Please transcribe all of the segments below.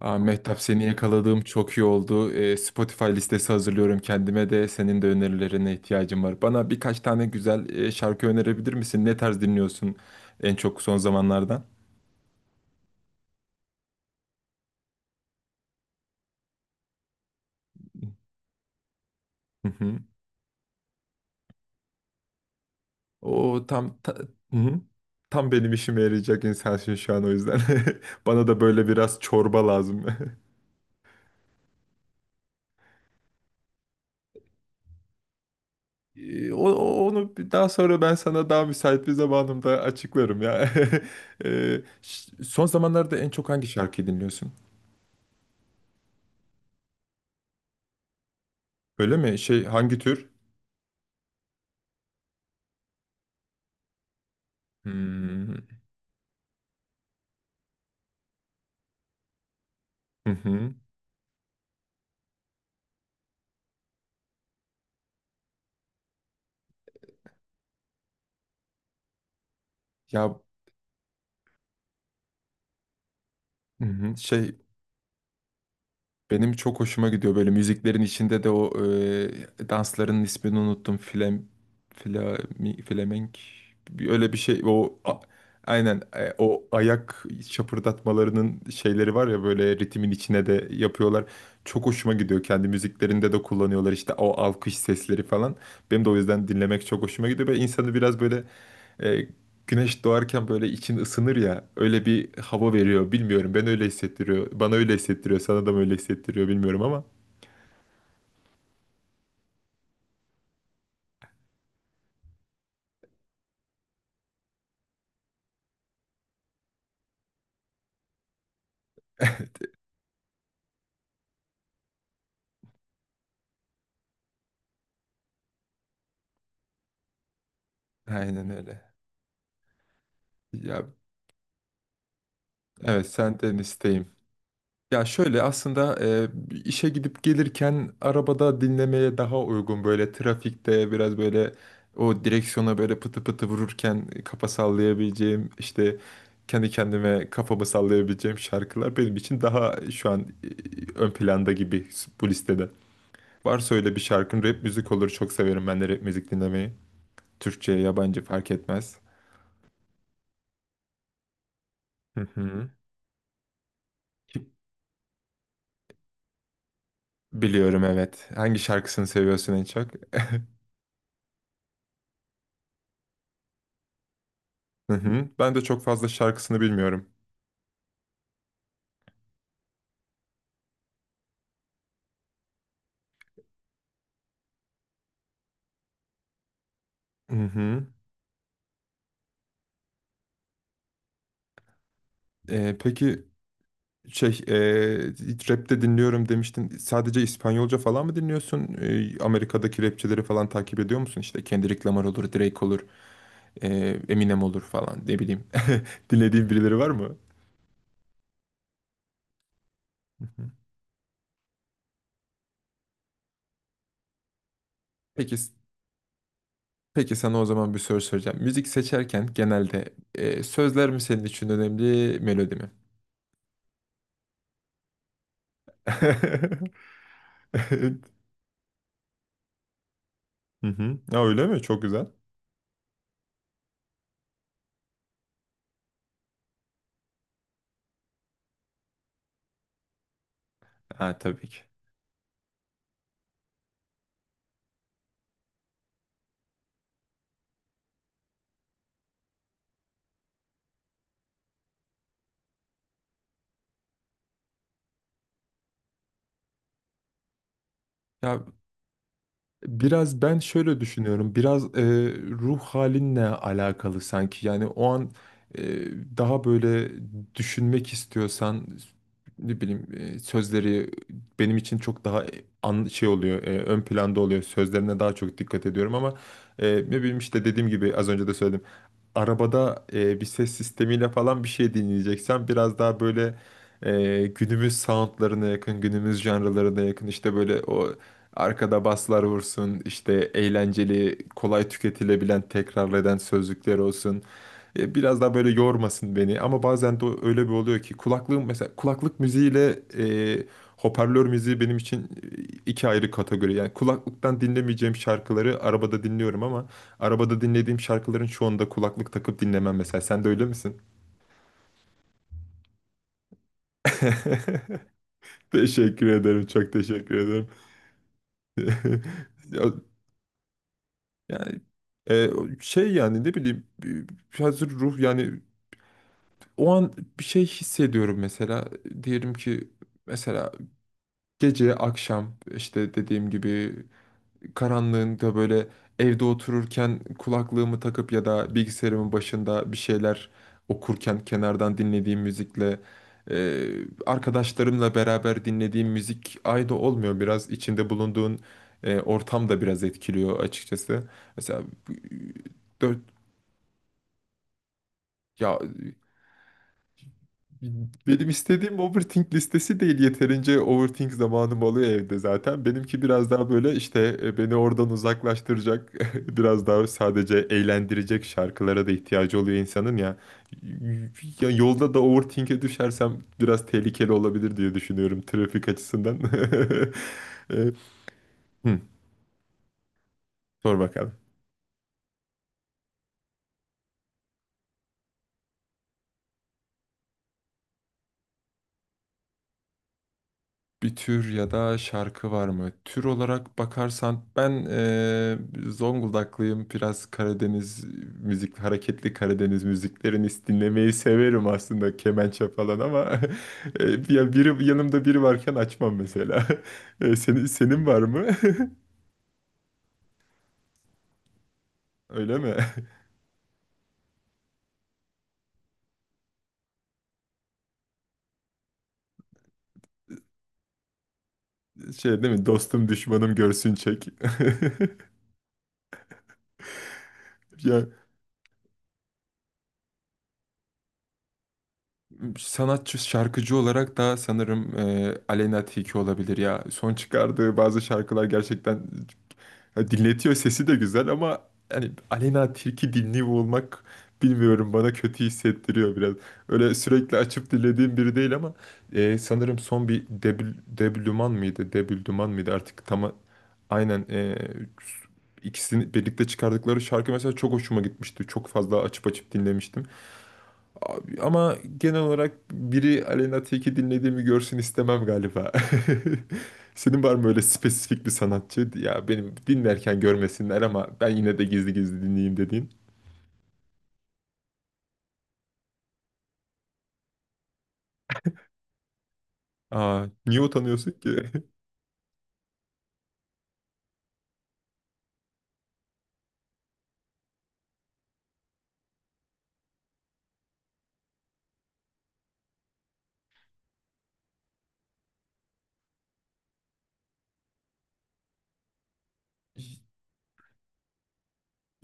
Mehtap seni yakaladığım çok iyi oldu. Spotify listesi hazırlıyorum kendime de senin de önerilerine ihtiyacım var. Bana birkaç tane güzel şarkı önerebilir misin? Ne tarz dinliyorsun en çok son zamanlardan? Hı hı. O tam ta- hı hı. Tam benim işime yarayacak insansın şu an o yüzden. Bana da böyle biraz çorba lazım. Daha sonra ben sana daha müsait bir zamanımda açıklarım ya. Son zamanlarda en çok hangi şarkıyı dinliyorsun? Öyle mi? Şey, hangi tür? Hmm. Hı hı. Ya, hı hı. Şey, benim çok hoşuma gidiyor böyle müziklerin içinde de o dansların ismini unuttum. Flamenk öyle bir şey aynen. O ayak şapırdatmalarının şeyleri var ya, böyle ritmin içine de yapıyorlar. Çok hoşuma gidiyor. Kendi müziklerinde de kullanıyorlar işte, o alkış sesleri falan. Benim de o yüzden dinlemek çok hoşuma gidiyor ve insanı biraz böyle e, güneş doğarken böyle için ısınır ya, öyle bir hava veriyor. Bilmiyorum, ben öyle hissettiriyor bana, öyle hissettiriyor sana da mı, öyle hissettiriyor bilmiyorum ama evet, aynen öyle ya. Evet, senden isteğim, ya şöyle aslında, işe gidip gelirken arabada dinlemeye daha uygun, böyle trafikte biraz böyle o direksiyona böyle pıtı pıtı vururken kafa sallayabileceğim, işte kendi kendime kafamı sallayabileceğim şarkılar benim için daha şu an ön planda gibi bu listede. Varsa öyle bir şarkın, rap müzik olur. Çok severim ben de rap müzik dinlemeyi. Türkçe, yabancı fark etmez. Hı hı. Biliyorum, evet. Hangi şarkısını seviyorsun en çok? Hı hı. Ben de çok fazla şarkısını bilmiyorum. Hı hı. Peki, şey e, rapte dinliyorum demiştin. Sadece İspanyolca falan mı dinliyorsun? Amerika'daki rapçileri falan takip ediyor musun? İşte Kendrick Lamar olur, Drake olur, e, Eminem olur falan, ne bileyim. Dinlediğin birileri var mı? Hı hı. Peki Peki sana o zaman bir soru soracağım. Müzik seçerken genelde sözler mi senin için önemli, melodi mi? Evet. Hı hı. Ya, öyle mi? Çok güzel. Ha, tabii ki. Ya, biraz ben şöyle düşünüyorum. Biraz ruh halinle alakalı sanki. Yani o an e, daha böyle düşünmek istiyorsan, ne bileyim, sözleri benim için çok daha şey oluyor, ön planda oluyor. Sözlerine daha çok dikkat ediyorum ama ne bileyim, işte dediğim gibi az önce de söyledim, arabada bir ses sistemiyle falan bir şey dinleyeceksen biraz daha böyle günümüz soundlarına yakın, günümüz janralarına yakın, işte böyle o arkada baslar vursun, işte eğlenceli, kolay tüketilebilen, tekrarlayan sözlükler olsun. Biraz daha böyle yormasın beni, ama bazen de öyle bir oluyor ki kulaklığım mesela, kulaklık müziğiyle e, hoparlör müziği benim için iki ayrı kategori. Yani kulaklıktan dinlemeyeceğim şarkıları arabada dinliyorum ama arabada dinlediğim şarkıların çoğunda kulaklık takıp dinlemem mesela. Sen de öyle misin? Teşekkür ederim. Çok teşekkür ederim. Ya- Yani e, şey, yani ne bileyim, hazır ruh, yani o an bir şey hissediyorum mesela, diyelim ki mesela gece, akşam, işte dediğim gibi karanlığında böyle evde otururken kulaklığımı takıp ya da bilgisayarımın başında bir şeyler okurken kenardan dinlediğim müzikle e, arkadaşlarımla beraber dinlediğim müzik aynı olmuyor. Biraz içinde bulunduğun ortam da biraz etkiliyor açıkçası. Mesela dört, ya, benim istediğim overthink listesi değil. Yeterince overthink zamanım oluyor evde zaten. Benimki biraz daha böyle işte beni oradan uzaklaştıracak, biraz daha sadece eğlendirecek şarkılara da ihtiyacı oluyor insanın ya. Ya yolda da overthink'e düşersem biraz tehlikeli olabilir diye düşünüyorum trafik açısından. E, Hı, sor bakalım. Bir tür ya da şarkı var mı? Tür olarak bakarsan ben Zonguldaklıyım. Biraz Karadeniz müzik, hareketli Karadeniz müziklerini dinlemeyi severim aslında, kemençe falan ama ya biri yanımda, biri varken açmam mesela. Senin var mı? Öyle mi? Şey, değil mi? Dostum düşmanım görsün, çek. Ya, sanatçı şarkıcı olarak da sanırım Aleyna Tilki olabilir ya. Son çıkardığı bazı şarkılar gerçekten ya dinletiyor, sesi de güzel ama hani Aleyna Tilki dinliyor olmak, bilmiyorum, bana kötü hissettiriyor biraz. Öyle sürekli açıp dinlediğim biri değil ama sanırım son bir Debl Deblüman mıydı? Debüldüman mıydı artık tam, aynen. İkisini birlikte çıkardıkları şarkı mesela çok hoşuma gitmişti. Çok fazla açıp açıp dinlemiştim. Abi, ama genel olarak biri Aleyna Tilki dinlediğimi görsün istemem galiba. Senin var mı öyle spesifik bir sanatçı? Ya benim dinlerken görmesinler ama ben yine de gizli gizli dinleyeyim dediğin. Niye utanıyorsun ki?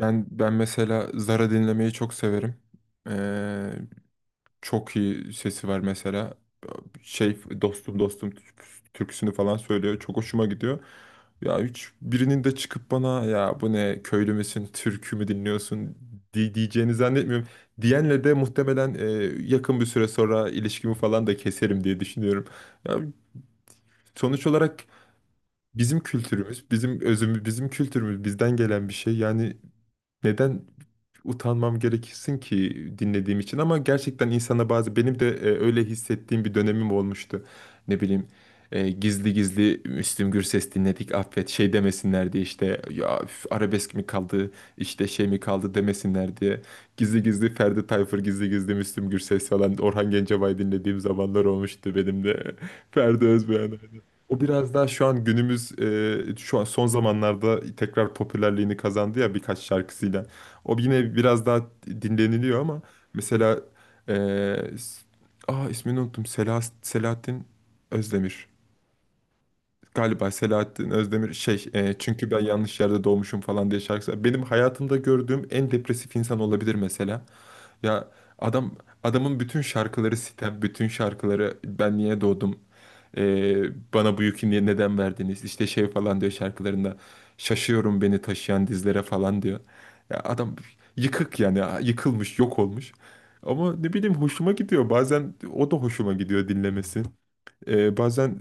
Ben mesela Zara dinlemeyi çok severim. Ee, Çok iyi sesi var mesela. Şey, dostum türküsünü falan söylüyor. Çok hoşuma gidiyor. Ya, hiç birinin de çıkıp bana ya bu ne, köylü müsün, türkü mü dinliyorsun diyeceğini zannetmiyorum. Diyenle de muhtemelen yakın bir süre sonra ilişkimi falan da keserim diye düşünüyorum. Ya, sonuç olarak bizim kültürümüz, bizim özümüz, bizim kültürümüz bizden gelen bir şey. Yani neden utanmam gerekirsin ki dinlediğim için, ama gerçekten insana bazı benim de öyle hissettiğim bir dönemim olmuştu. Ne bileyim, gizli gizli Müslüm Gürses dinledik affet şey demesinler diye, işte ya üf, arabesk mi kaldı, işte şey mi kaldı demesinler diye gizli gizli Ferdi Tayfur, gizli gizli Müslüm Gürses falan, Orhan Gencebay dinlediğim zamanlar olmuştu benim de. Ferdi Özbeğen. O biraz daha şu an günümüz, şu an son zamanlarda tekrar popülerliğini kazandı ya birkaç şarkısıyla. O yine biraz daha dinleniliyor ama mesela s- aa ismini unuttum. Selahattin Özdemir. Galiba Selahattin Özdemir, şey, "Çünkü ben yanlış yerde doğmuşum" falan diye şarkısı. Benim hayatımda gördüğüm en depresif insan olabilir mesela. Ya adam Adamın bütün şarkıları sitem, bütün şarkıları "ben niye doğdum?" "Bana bu yükü niye, neden verdiniz?" İşte şey falan diyor şarkılarında. "Şaşıyorum beni taşıyan dizlere" falan diyor. Ya adam yıkık, yani yıkılmış, yok olmuş. Ama ne bileyim, hoşuma gidiyor. Bazen o da hoşuma gidiyor dinlemesi. Bazen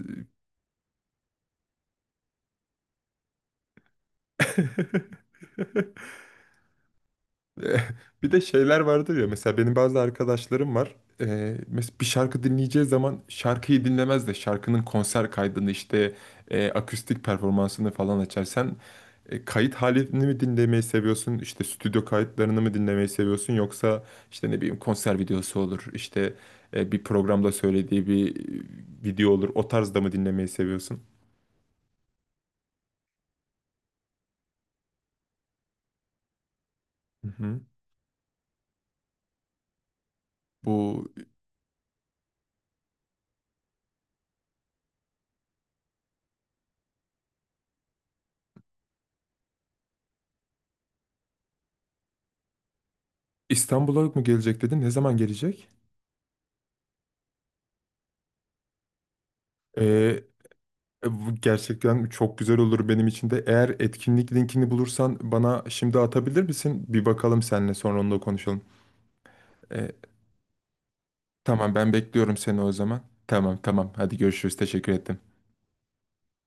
Eh, bir de şeyler vardır ya, mesela benim bazı arkadaşlarım var. Mesela bir şarkı dinleyeceği zaman şarkıyı dinlemez de şarkının konser kaydını, işte akustik performansını falan açar. Sen kayıt halini mi dinlemeyi seviyorsun? İşte stüdyo kayıtlarını mı dinlemeyi seviyorsun? Yoksa işte ne bileyim, konser videosu olur, işte bir programda söylediği bir video olur. O tarzda mı dinlemeyi seviyorsun? Hı hı. Bu İstanbul'a mı gelecek dedin? Ne zaman gelecek? Bu gerçekten çok güzel olur benim için de. Eğer etkinlik linkini bulursan bana şimdi atabilir misin? Bir bakalım, seninle sonra onu da konuşalım. E, tamam, ben bekliyorum seni o zaman. Tamam tamam, hadi görüşürüz, teşekkür ettim.